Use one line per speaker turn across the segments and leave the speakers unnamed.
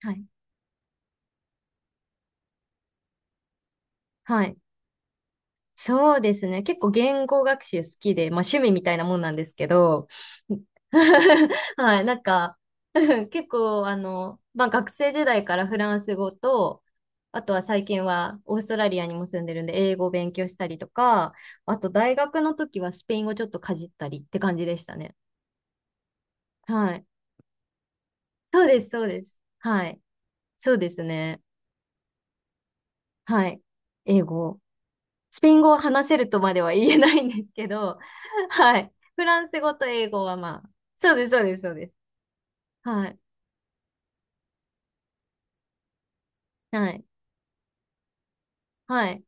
はい。はい。そうですね。結構言語学習好きで、まあ趣味みたいなもんなんですけど、はい。なんか、結構、まあ学生時代からフランス語と、あとは最近はオーストラリアにも住んでるんで、英語を勉強したりとか、あと大学の時はスペイン語ちょっとかじったりって感じでしたね。はい。そうです、そうです。はい。そうですね。はい。英語。スペイン語を話せるとまでは言えないんですけど、はい。フランス語と英語はまあ、そうです、そうです、そうです。はい。はい。はい。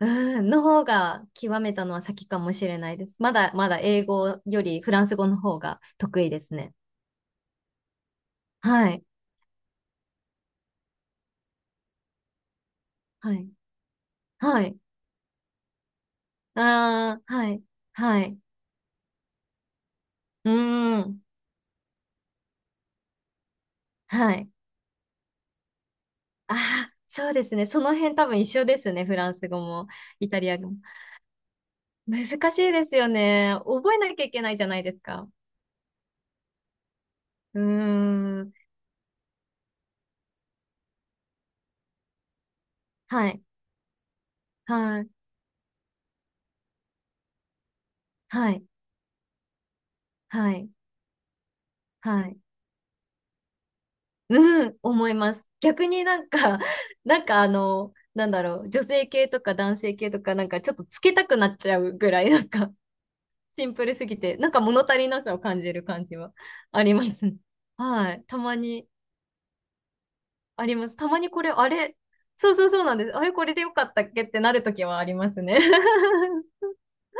うん、の方が極めたのは先かもしれないです。まだまだ英語よりフランス語の方が得意ですね。はい。はい。はい。ああ、はい。はい。うーん。はい。ああ、そうですね。その辺多分一緒ですね。フランス語もイタリア語も。難しいですよね。覚えなきゃいけないじゃないですか。うーん。はい。はい。はい。はい。はい。うん。思います。逆になんか、なんかなんだろう。女性系とか男性系とか、なんかちょっとつけたくなっちゃうぐらい、なんかシンプルすぎて、なんか物足りなさを感じる感じは ありますね。はい。たまにあります。たまにこれ、あれ、そうそうそうなんです。あれ、これでよかったっけってなるときはありますね。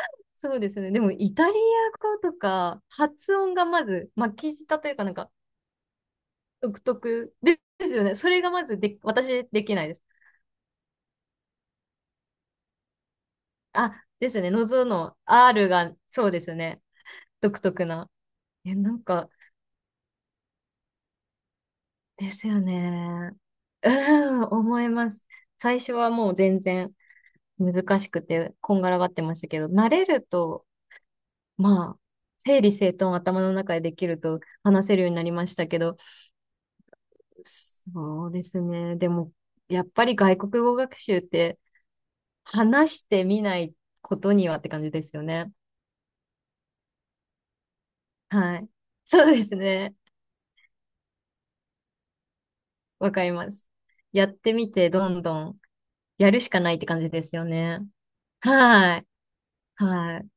そうですね。でも、イタリア語とか、発音がまず、巻き舌というか、なんか、独特ですよね。それがまずで、私できないです。あ、ですね。喉の R が、そうですね。独特な。え、なんか、ですよね。うーん、思います。最初はもう全然難しくて、こんがらがってましたけど、慣れると、まあ、整理整頓頭の中でできると話せるようになりましたけど、そうですね。でも、やっぱり外国語学習って話してみないことにはって感じですよね。はい。そうですね。わかります。やってみて、どんどんやるしかないって感じですよね。はい。はい。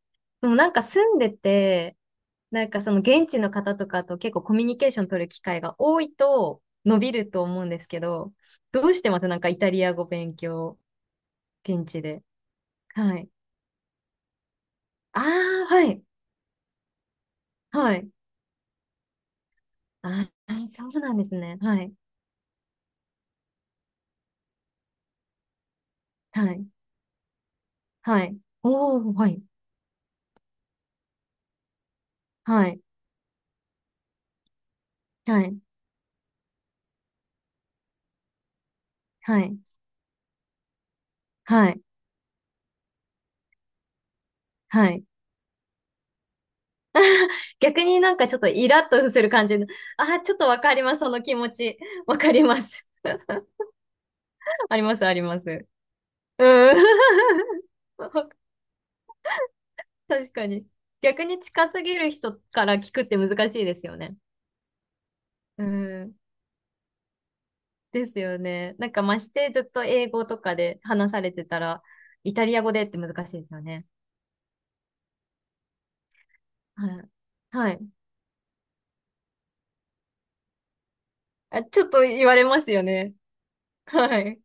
でもなんか住んでて、なんかその現地の方とかと結構コミュニケーション取る機会が多いと伸びると思うんですけど、どうしてますなんかイタリア語勉強、現地で。はい。ああ、はい。はい。ああ、そうなんですね。はい。はい。はい。おー、はい。はい。はい。はい。はい。はい。逆になんかちょっとイラッとする感じの。あ、ちょっとわかります、その気持ち。わかります。あります、あります。うん。確かに。逆に近すぎる人から聞くって難しいですよね。うん。ですよね。なんかましてずっと英語とかで話されてたら、イタリア語でって難しいですよね。はい。はい。あ、ちょっと言われますよね。はい。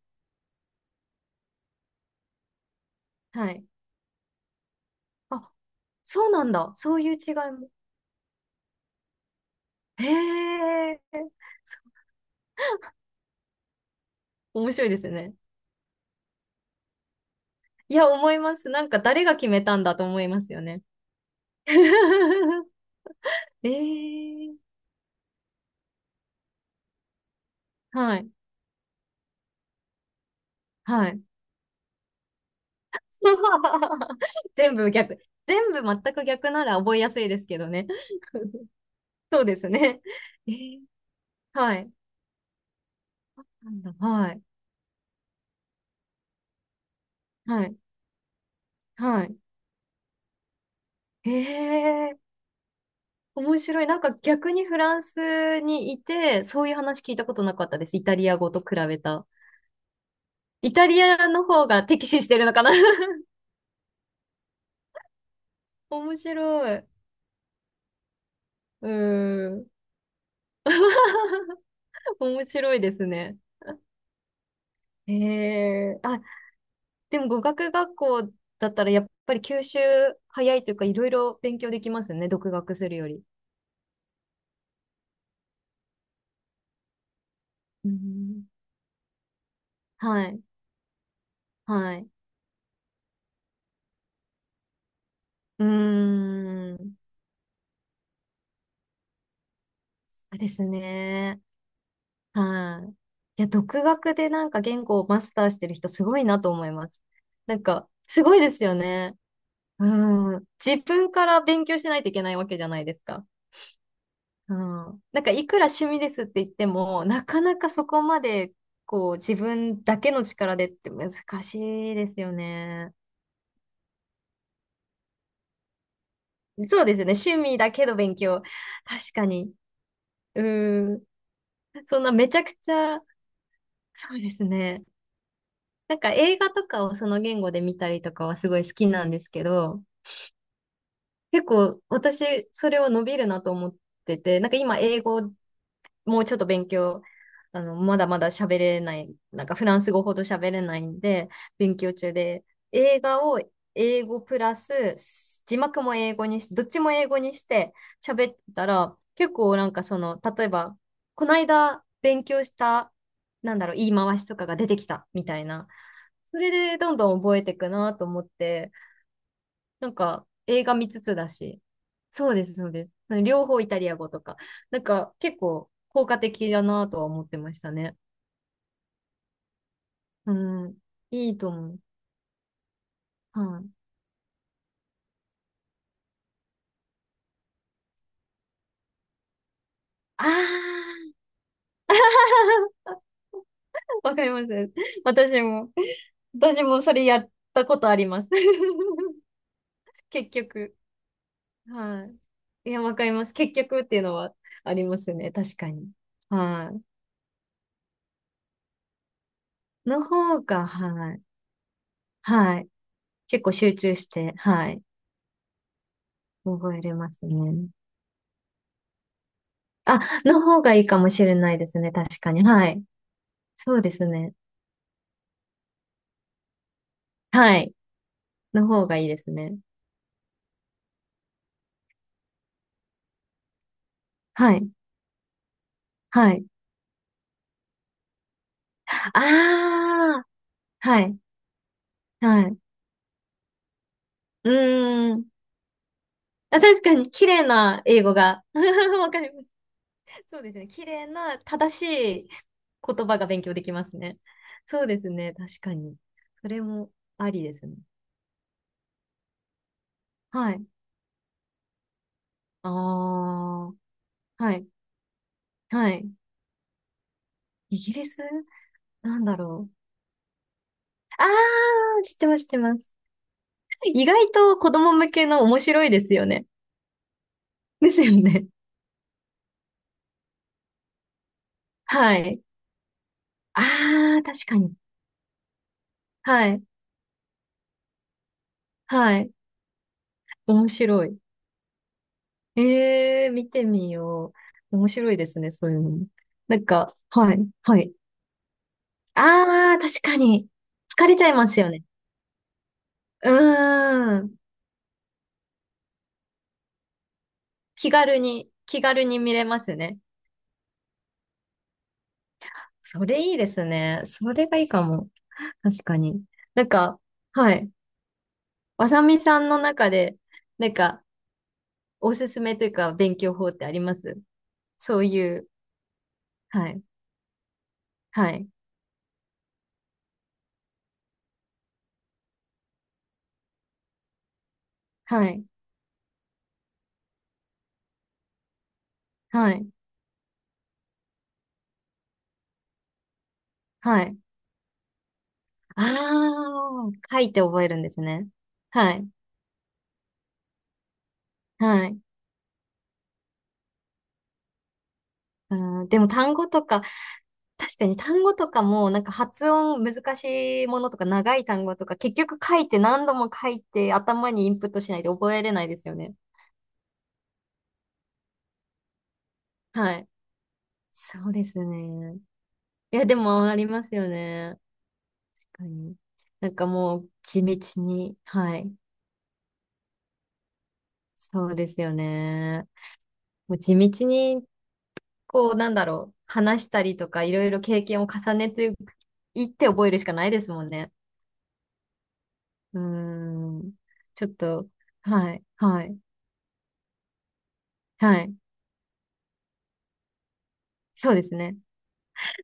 はい。あ、そうなんだ。そういう違いも。へえ。面白いですよね。いや、思います。なんか誰が決めたんだと思いますよね。えー、はい、はい。全部逆。全部全く逆なら覚えやすいですけどね。そうですね。えー、はい。なんだ、はい。はい。はい。えー、面白い。なんか逆にフランスにいて、そういう話聞いたことなかったです。イタリア語と比べた。イタリアの方が敵視してるのかな 面白い。うーん。面白いですね。へえ。あ、でも語学学校だったらやっぱり吸収早いというかいろいろ勉強できますね。独学するより。うん。はい。はい。うーん。そうですね。はい。いや、独学でなんか言語をマスターしてる人すごいなと思います。なんか、すごいですよね。うん。自分から勉強しないといけないわけじゃないですか。うん、なんかいくら趣味ですって言っても、なかなかそこまでこう自分だけの力でって難しいですよね。そうですよね。趣味だけど勉強。確かに。うん。そんなめちゃくちゃ、そうですね。なんか映画とかをその言語で見たりとかはすごい好きなんですけど、結構私それは伸びるなと思ってて、なんか今英語もうちょっと勉強、あの、まだまだ喋れない、なんかフランス語ほど喋れないんで、勉強中で、映画を英語プラス、字幕も英語にして、どっちも英語にして喋ったら、結構なんかその、例えば、この間勉強した、なんだろう、言い回しとかが出てきたみたいな、それでどんどん覚えていくなと思って、なんか、映画見つつだし。そうです、そうです。両方イタリア語とか。なんか、結構効果的だなとは思ってましたね。うん。いいと思う。はい。ああ、わかります。私も。私もそれやったことあります。結局。はい。いや、わかります。結局っていうのはありますね。確かに。はい。の方が、はい。はい。結構集中して、はい。覚えれますね。あ、の方がいいかもしれないですね。確かに。はい。そうですね。はい。の方がいいですね。はい。はい。ああ、はい。はい。うーん。あ、確かに、綺麗な英語が。わかります。そうですね。綺麗な、正しい言葉が勉強できますね。そうですね。確かに。それもありですね。はい。ああ、はい。はい。イギリスなんだろう。ああ、知ってます、知ってます。意外と子供向けの面白いですよね。ですよね。はい。ああ、確かに。はい。はい。面白い。ええー、見てみよう。面白いですね、そういうのも。なんか、はい。はい。ああ、確かに。疲れちゃいますよね。うーん。気軽に、気軽に見れますね。それいいですね。それがいいかも。確かに。なんか、はい。わさみさんの中で、なんか、おすすめというか、勉強法ってありますそういう、はい、はい、はい、はい、はい。ああ、書いて覚えるんですね。はい、はい。あーでも単語とか、確かに単語とかも、なんか発音難しいものとか長い単語とか、結局書いて何度も書いて頭にインプットしないで覚えれないですよね。はい。そうですね。いや、でもありますよね。確かに。なんかもう地道に、はい。そうですよね。もう地道に、こう、なんだろう、話したりとか、いろいろ経験を重ねていって覚えるしかないですもんね。うーん。ちょっと、はい、はい、はい。そうですね。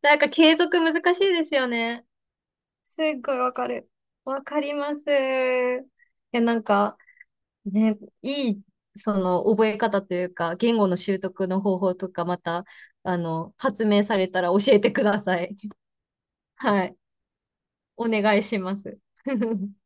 なんか継続難しいですよね。すっごいわかる。わかります。いや、なんか、ね、いい、その、覚え方というか、言語の習得の方法とか、また、あの、発明されたら教えてください。はい。お願いします。